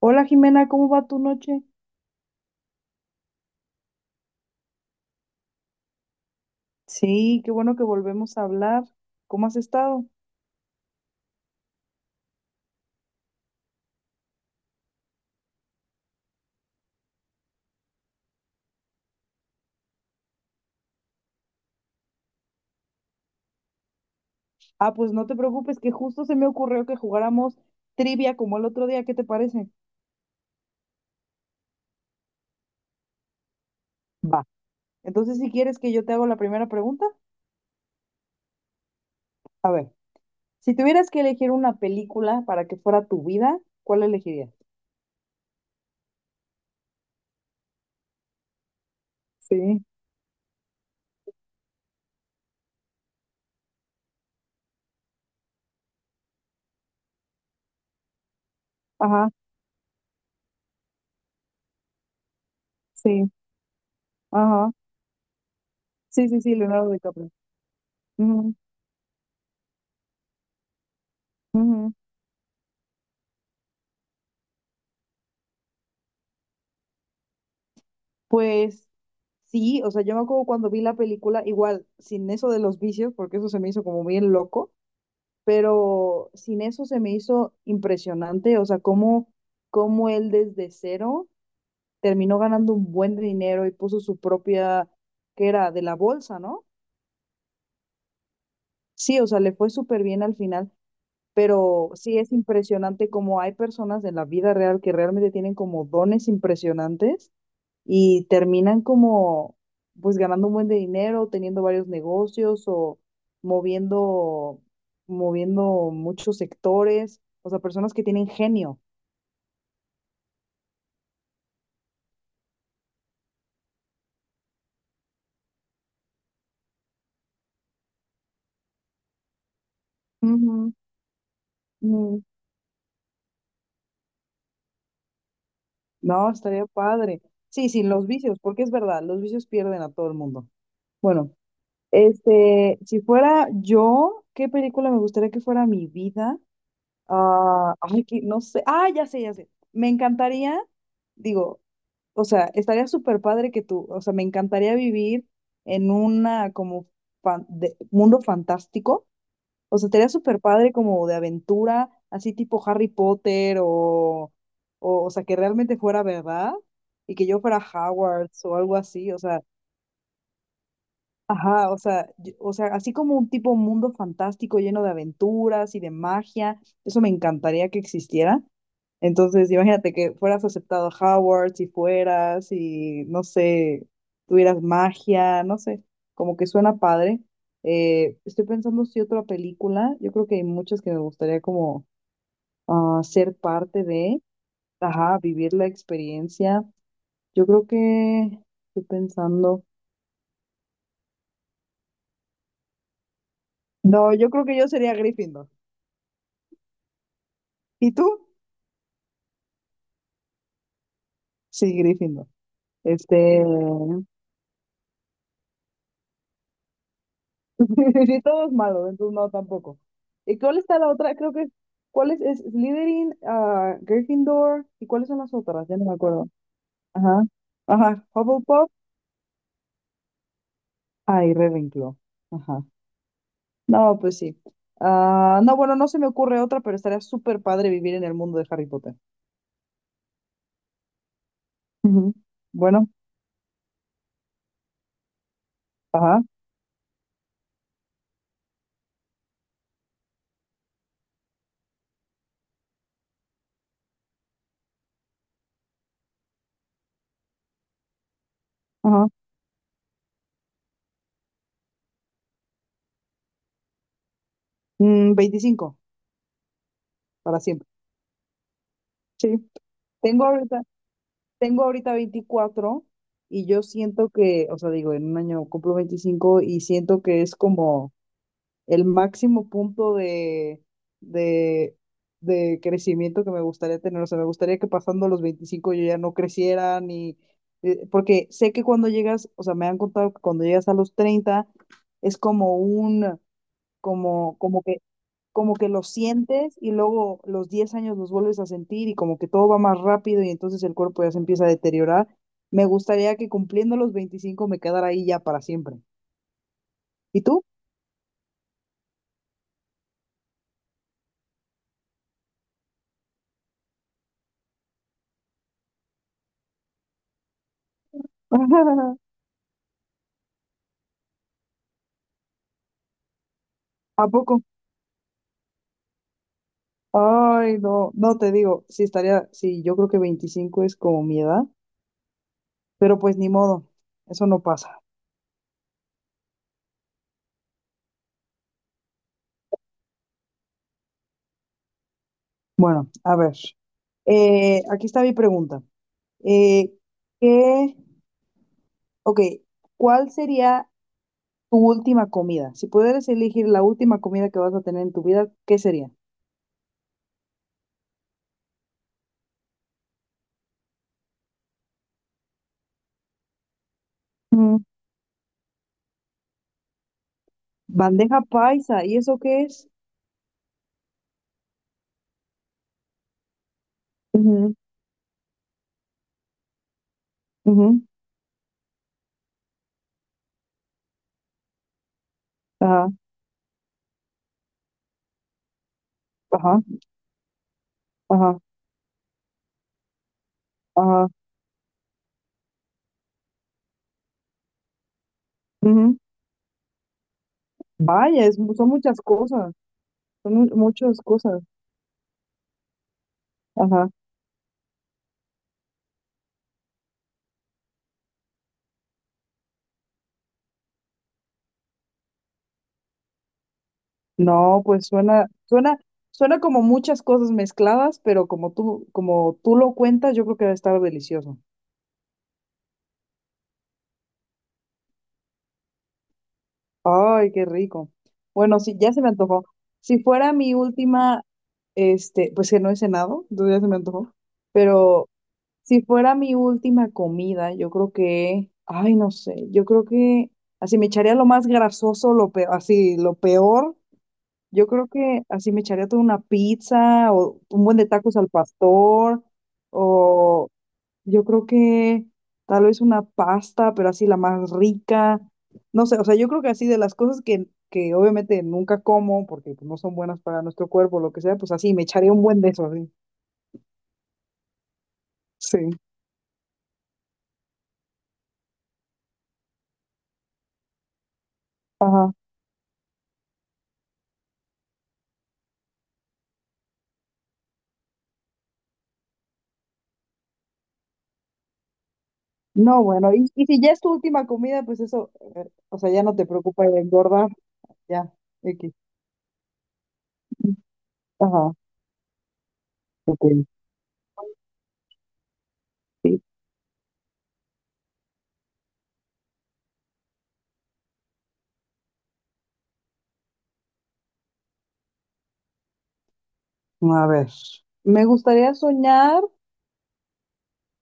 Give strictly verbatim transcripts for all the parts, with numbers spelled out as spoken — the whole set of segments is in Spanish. Hola Jimena, ¿cómo va tu noche? Sí, qué bueno que volvemos a hablar. ¿Cómo has estado? Ah, pues no te preocupes, que justo se me ocurrió que jugáramos trivia como el otro día, ¿qué te parece? Va. Entonces, si quieres que yo te hago la primera pregunta, a ver, si tuvieras que elegir una película para que fuera tu vida, ¿cuál elegirías? Sí, ajá, sí, ajá. Sí, sí, sí, Leonardo DiCaprio. Ujú, ujú. Pues sí, o sea, yo me acuerdo cuando vi la película, igual, sin eso de los vicios, porque eso se me hizo como bien loco, pero sin eso se me hizo impresionante, o sea, cómo, cómo él desde cero terminó ganando un buen dinero y puso su propia, que era de la bolsa, ¿no? Sí, o sea, le fue súper bien al final, pero sí es impresionante como hay personas en la vida real que realmente tienen como dones impresionantes y terminan como pues ganando un buen de dinero, teniendo varios negocios o moviendo, moviendo muchos sectores, o sea, personas que tienen genio. Ujú, ujú. No, estaría padre. Sí, sí, los vicios, porque es verdad, los vicios pierden a todo el mundo. Bueno, este, si fuera yo, ¿qué película me gustaría que fuera mi vida? Ah, ay, que no sé. Ah, ya sé, ya sé. Me encantaría, digo, o sea, estaría súper padre que tú, o sea, me encantaría vivir en una como fan- de- mundo fantástico. O sea, estaría súper padre como de aventura, así tipo Harry Potter o, o, o sea, que realmente fuera verdad y que yo fuera Hogwarts o algo así. O sea, ajá, o sea, yo- o sea, así como un tipo mundo fantástico lleno de aventuras y de magia, eso me encantaría que existiera. Entonces, imagínate que fueras aceptado a Howard, si fueras, y no sé, tuvieras magia, no sé, como que suena padre. Eh, estoy pensando si otra película, yo creo que hay muchas que me gustaría como ah, ser parte de, ajá, vivir la experiencia. Yo creo que, estoy pensando, no, yo creo que yo sería Gryffindor. ¿Y tú? Sí, Gryffindor. Este, sí, todo es malo, entonces no, tampoco. ¿Y cuál está la otra? Creo que, ¿cuál es? Es Slytherin, ah, Gryffindor, ¿y cuáles son las otras? Ya no me acuerdo. Ajá, ajá, Hufflepuff, ah, y Ravenclaw. Ajá. No, pues sí. Ah, no, bueno, no se me ocurre otra, pero estaría súper padre vivir en el mundo de Harry Potter. Ujú. Bueno, ajá, ajá. Mm, veinticinco, para siempre. Sí. Tengo ahorita, Tengo ahorita veinticuatro y yo siento que, o sea, digo, en un año cumplo veinticinco y siento que es como el máximo punto de, de, de crecimiento que me gustaría tener. O sea, me gustaría que pasando los veinticinco yo ya no creciera ni... eh, Porque sé que cuando llegas, o sea, me han contado que cuando llegas a los treinta es como un, como, como que como que los sientes y luego los diez años los vuelves a sentir y como que todo va más rápido y entonces el cuerpo ya se empieza a deteriorar. Me gustaría que cumpliendo los veinticinco me quedara ahí ya para siempre. ¿Y tú? ¿A poco? Ay, no, no te digo, sí estaría, sí, yo creo que veinticinco es como mi edad, pero pues ni modo, eso no pasa. Bueno, a ver, eh, aquí está mi pregunta. Eh, ¿qué, ok, cuál sería tu última comida. Si pudieras elegir la última comida que vas a tener en tu vida, ¿qué sería? Ujú, bandeja paisa, ¿y eso qué es? Ujú, ujú, ajá, ajá, ajá, ajá. Ujú. Vaya, es mu- son muchas cosas, son mu- muchas cosas. Ajá. No, pues suena, suena, suena como muchas cosas mezcladas, pero como tú, como tú lo cuentas, yo creo que va a estar delicioso. Ay, qué rico. Bueno, sí, ya se me antojó. Si fuera mi última, este, pues que no he cenado, entonces ya se me antojó. Pero si fuera mi última comida, yo creo que, ay, no sé, yo creo que así me echaría lo más grasoso, lo peor, así, lo peor. Yo creo que así me echaría toda una pizza o un buen de tacos al pastor o yo creo que tal vez una pasta, pero así la más rica. No sé, o sea, yo creo que así de las cosas que, que obviamente nunca como, porque pues, no son buenas para nuestro cuerpo, lo que sea, pues así me echaré un buen de eso, así. Sí. Ajá. No, bueno, y, y si ya es tu última comida, pues eso, eh, o sea, ya no te preocupa el engordar, ya. X. Ajá. Ok. Sí. A ver. Me gustaría soñar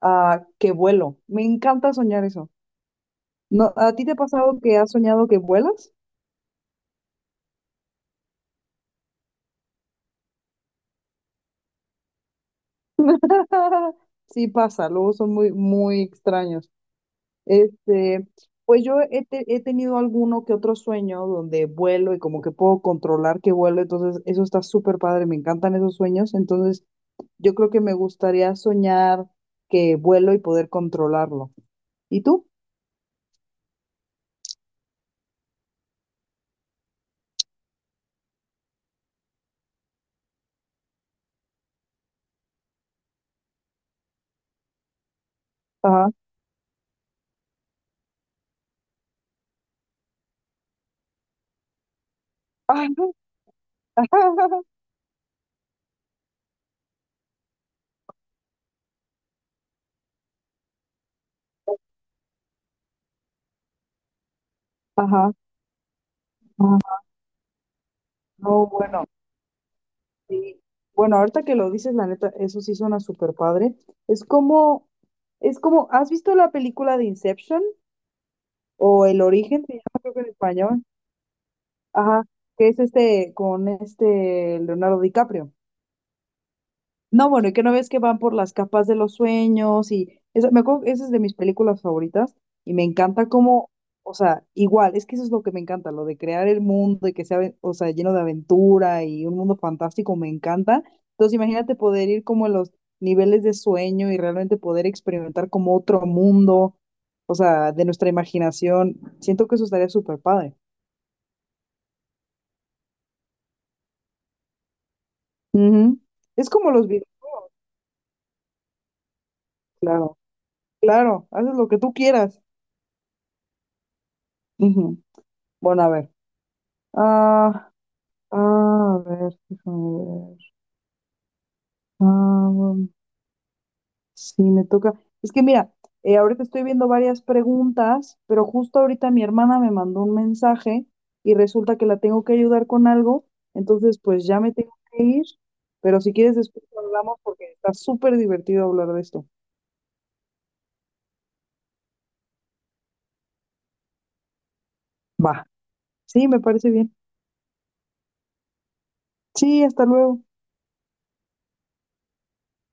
ah, que vuelo. Me encanta soñar eso. No, ¿a ti te ha pasado que has soñado que vuelas? Sí pasa, luego son muy, muy extraños. Este, pues yo he, te- he tenido alguno que otro sueño donde vuelo y como que puedo controlar que vuelo, entonces eso está súper padre, me encantan esos sueños, entonces yo creo que me gustaría soñar que vuelo y poder controlarlo. ¿Y tú? Ajá. Ajá. Ajá. Ajá. No, bueno. Sí. Bueno, ahorita que lo dices, la neta, eso sí suena súper padre. Es como, es como, ¿has visto la película de Inception o El Origen? Se llama creo que en español. Ajá, que es este con este Leonardo DiCaprio. No, bueno, y que no ves que van por las capas de los sueños y esa, me acuerdo, que esa es de mis películas favoritas y me encanta cómo, o sea, igual, es que eso es lo que me encanta, lo de crear el mundo y que sea, o sea, lleno de aventura y un mundo fantástico, me encanta. Entonces, imagínate poder ir como a los niveles de sueño y realmente poder experimentar como otro mundo, o sea, de nuestra imaginación. Siento que eso estaría súper padre. Ujú. Es como los videos, claro, claro, haces lo que tú quieras. Ujú. Bueno, a ver. Ah, ah, a ver, déjame ver. Ah, um, sí, me toca. Es que mira, eh, ahorita estoy viendo varias preguntas, pero justo ahorita mi hermana me mandó un mensaje y resulta que la tengo que ayudar con algo, entonces pues ya me tengo que ir, pero si quieres después hablamos porque está súper divertido hablar de esto. Va, sí, me parece bien. Sí, hasta luego.